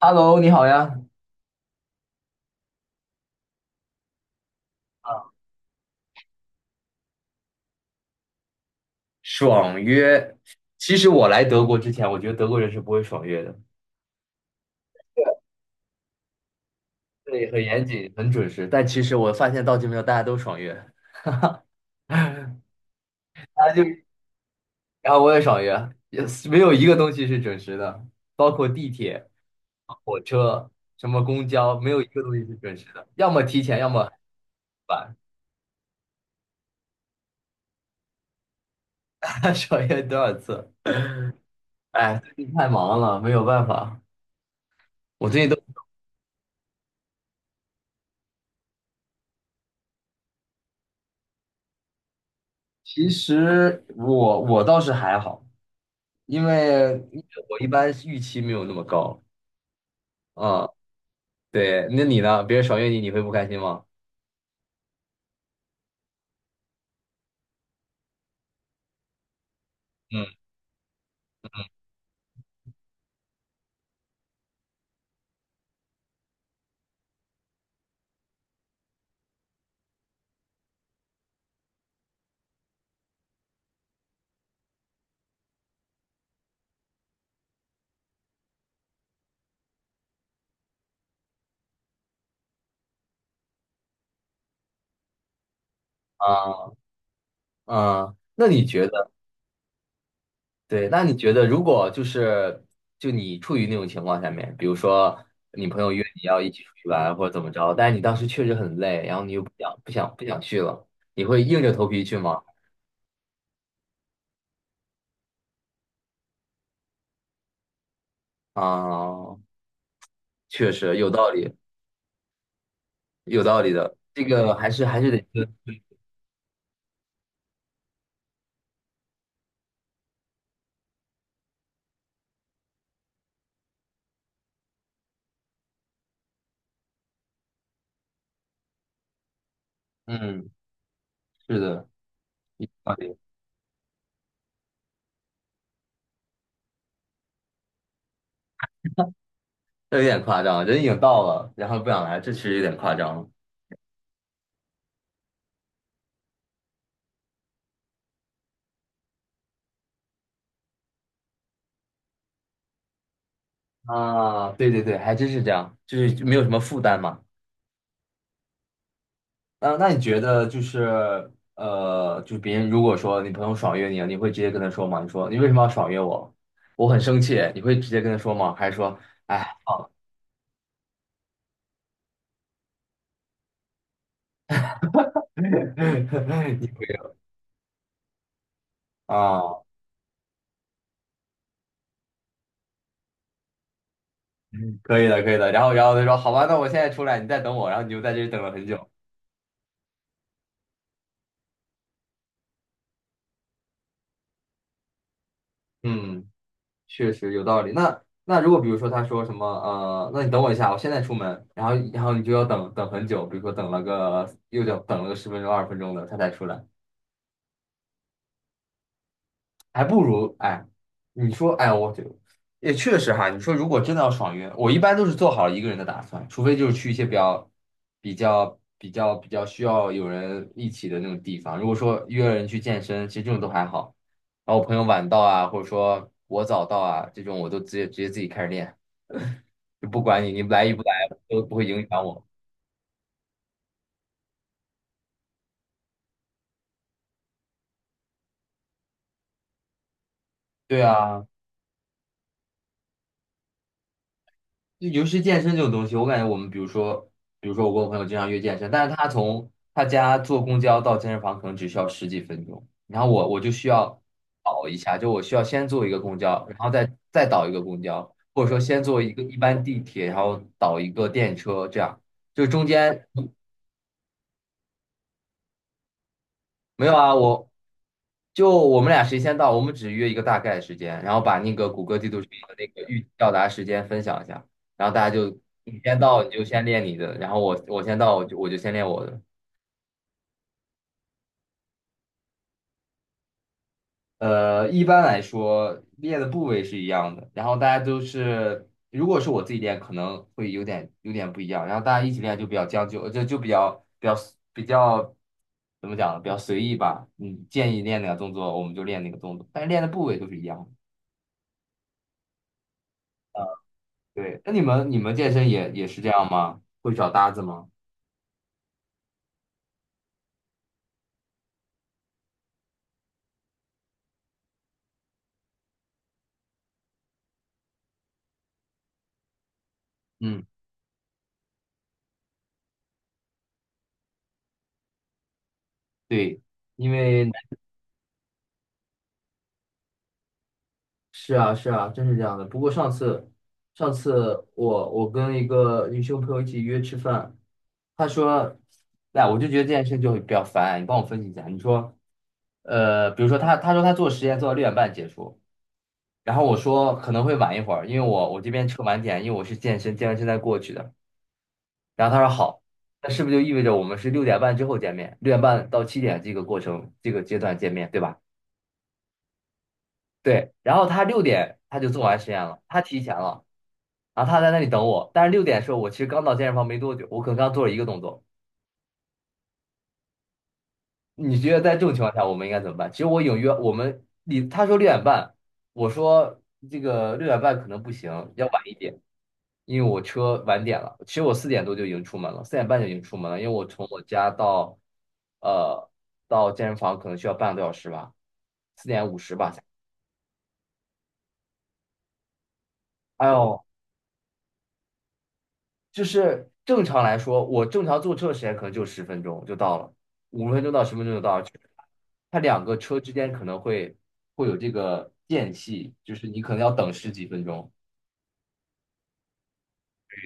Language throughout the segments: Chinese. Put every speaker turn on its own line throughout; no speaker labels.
Hello，你好呀。爽约，其实我来德国之前，我觉得德国人是不会爽约的，对，很严谨，很准时。但其实我发现到这边，大家都爽约，大家就，然后我也爽约，也是没有一个东西是准时的，包括地铁、火车、什么公交，没有一个东西是准时的，要么提前，要么晚。爽约多少次？哎，最近太忙了，没有办法。我最近都，其实我倒是还好。因为我一般预期没有那么高啊。对，那你呢？别人爽约你，你会不开心吗？嗯，啊啊，那你觉得，对，那你觉得，如果就你处于那种情况下面，比如说你朋友约你要一起出去玩或者怎么着，但是你当时确实很累，然后你又不想去了，你会硬着头皮去吗？啊，确实有道理，有道理的，这个还是得，嗯，是的，有道理。这有点夸张，人已经到了，然后不想来，这其实有点夸张了。啊，对对对，还真是这样，就是没有什么负担嘛。那你觉得就是就别人如果说你朋友爽约你了，你会直接跟他说吗？你说你为什么要爽约我？我很生气，你会直接跟他说吗？还是说，哎，你啊，可以的，可以的。然后他说好吧，那我现在出来，你再等我，然后你就在这里等了很久。嗯。确实有道理。那如果比如说他说什么那你等我一下，我现在出门，然后你就要等等很久，比如说等了个又等了个十分钟二十分钟的，他才出来，还不如哎，你说哎，我就也确实哈，你说如果真的要爽约，我一般都是做好一个人的打算，除非就是去一些比较需要有人一起的那种地方。如果说约了人去健身，其实这种都还好。然后我朋友晚到啊，或者说我早到啊，这种我都直接自己开始练。就不管你来与不来都不会影响我。对啊，就尤其是健身这种东西，我感觉我们比如说我跟我朋友经常约健身，但是他从他家坐公交到健身房可能只需要十几分钟，然后我就需要倒一下，就我需要先坐一个公交，然后再倒一个公交，或者说先坐一个一般地铁，然后倒一个电车，这样就中间。没有啊，我就我们俩谁先到，我们只约一个大概的时间，然后把那个谷歌地图上的那个预计到达时间分享一下，然后大家就你先到你就先练你的，然后我先到我就先练我的。一般来说练的部位是一样的，然后大家都是，如果是我自己练，可能会有点不一样，然后大家一起练就比较将就，就比较怎么讲呢，比较随意吧。你建议练哪个动作，我们就练哪个动作，但是练的部位都是一样的。对，那你们健身也是这样吗？会找搭子吗？嗯，对，因为是啊是啊，真是这样的。不过上次我跟一个女性朋友一起约吃饭，她说，哎，我就觉得这件事就比较烦，你帮我分析一下。你说，比如说她说她做实验做到六点半结束，然后我说可能会晚一会儿，因为我这边吃晚点，因为我是健身，健完身再过去的。然后他说好，那是不是就意味着我们是六点半之后见面？六点半到七点这个过程这个阶段见面，对吧？对。然后他六点他就做完实验了，他提前了，然后他在那里等我。但是六点的时候，我其实刚到健身房没多久，我可能刚做了一个动作。你觉得在这种情况下，我们应该怎么办？其实我隐约我们你他说六点半，我说这个六点半可能不行，要晚一点。因为我车晚点了，其实我4点多就已经出门了，4点半就已经出门了，因为我从我家呃到健身房可能需要半个多小时吧，4点50吧才。哎呦，就是正常来说，我正常坐车的时间可能就十分钟就到了，5分钟到十分钟就到了。它两个车之间可能会有这个间隙，就是你可能要等十几分钟。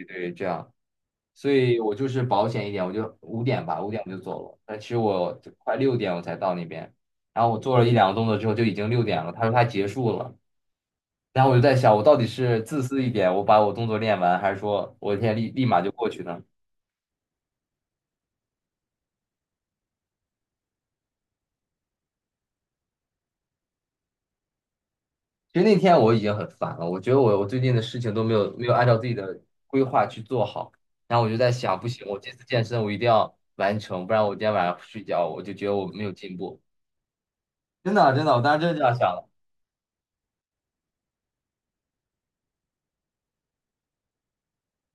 对，这样。所以我就是保险一点，我就五点吧，五点我就走了。但其实我就快六点我才到那边，然后我做了一两个动作之后就已经六点了。他说他结束了，然后我就在想，我到底是自私一点，我把我动作练完，还是说我现在立马就过去呢？其实那天我已经很烦了，我觉得我最近的事情都没有按照自己的规划去做好，然后我就在想，不行，我这次健身我一定要完成，不然我今天晚上不睡觉，我就觉得我没有进步。真的真的，我当时真的这样想的。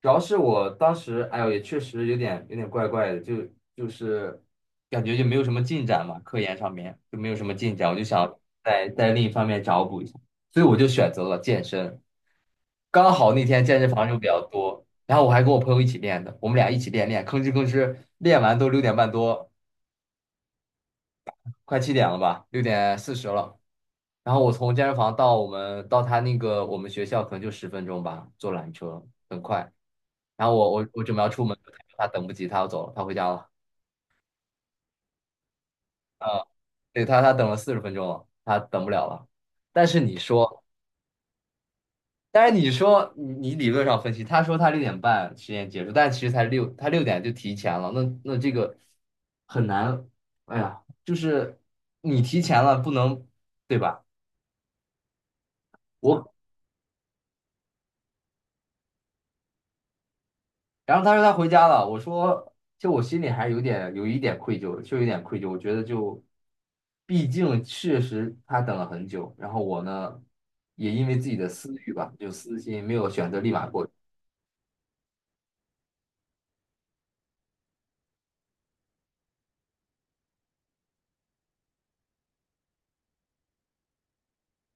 主要是我当时，哎呦，也确实有点怪怪的，就是感觉就没有什么进展嘛，科研上面就没有什么进展，我就想在另一方面找补一下，所以我就选择了健身。刚好那天健身房人比较多，然后我还跟我朋友一起练的，我们俩一起练练，吭哧吭哧练完都六点半多，快七点了吧，6点40了。然后我从健身房到我们到他那个我们学校可能就十分钟吧，坐缆车。很快。然后我准备要出门，他等不及，他要走了，他回家了。啊，对他等了40分钟了，他等不了了。但是你说，但是你说你理论上分析，他说他六点半实验结束，但其实他六点就提前了。那这个很难，哎呀，就是你提前了不能，对吧？我然后他说他回家了，我说就我心里还有一点愧疚，就有点愧疚。我觉得就，毕竟确实他等了很久，然后我呢也因为自己的私欲吧，就私心没有选择立马过去，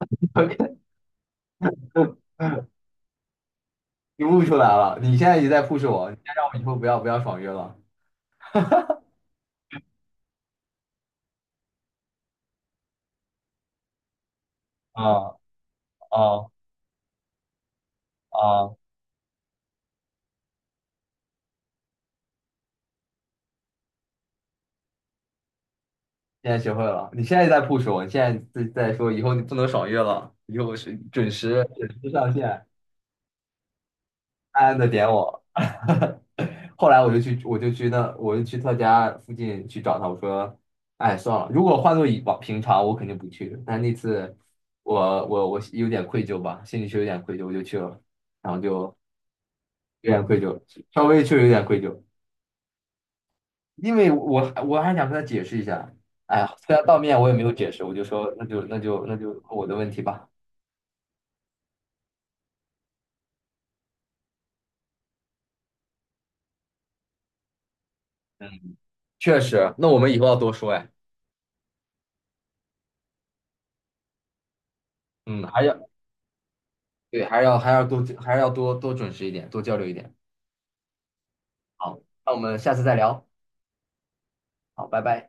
你悟出来了。你现在也在 push 我，你现在让我以后不要爽约了，啊啊啊！现在学会了。你现在在 push 我，你现在在说以后你不能爽约了，以后是准时准时上线。暗暗的点我。后来我就去他家附近去找他。我说，哎，算了，如果换做以往平常，我肯定不去。但那次我有点愧疚吧，心里是有点愧疚，我就去了，然后就有点愧疚，稍微确实有点愧疚，因为我还想跟他解释一下。哎呀，虽然当面我也没有解释，我就说那就我的问题吧。嗯，确实，那我们以后要多说哎。嗯，还要。"对，还是要多多准时一点，多交流一点。好，那我们下次再聊。好，拜拜。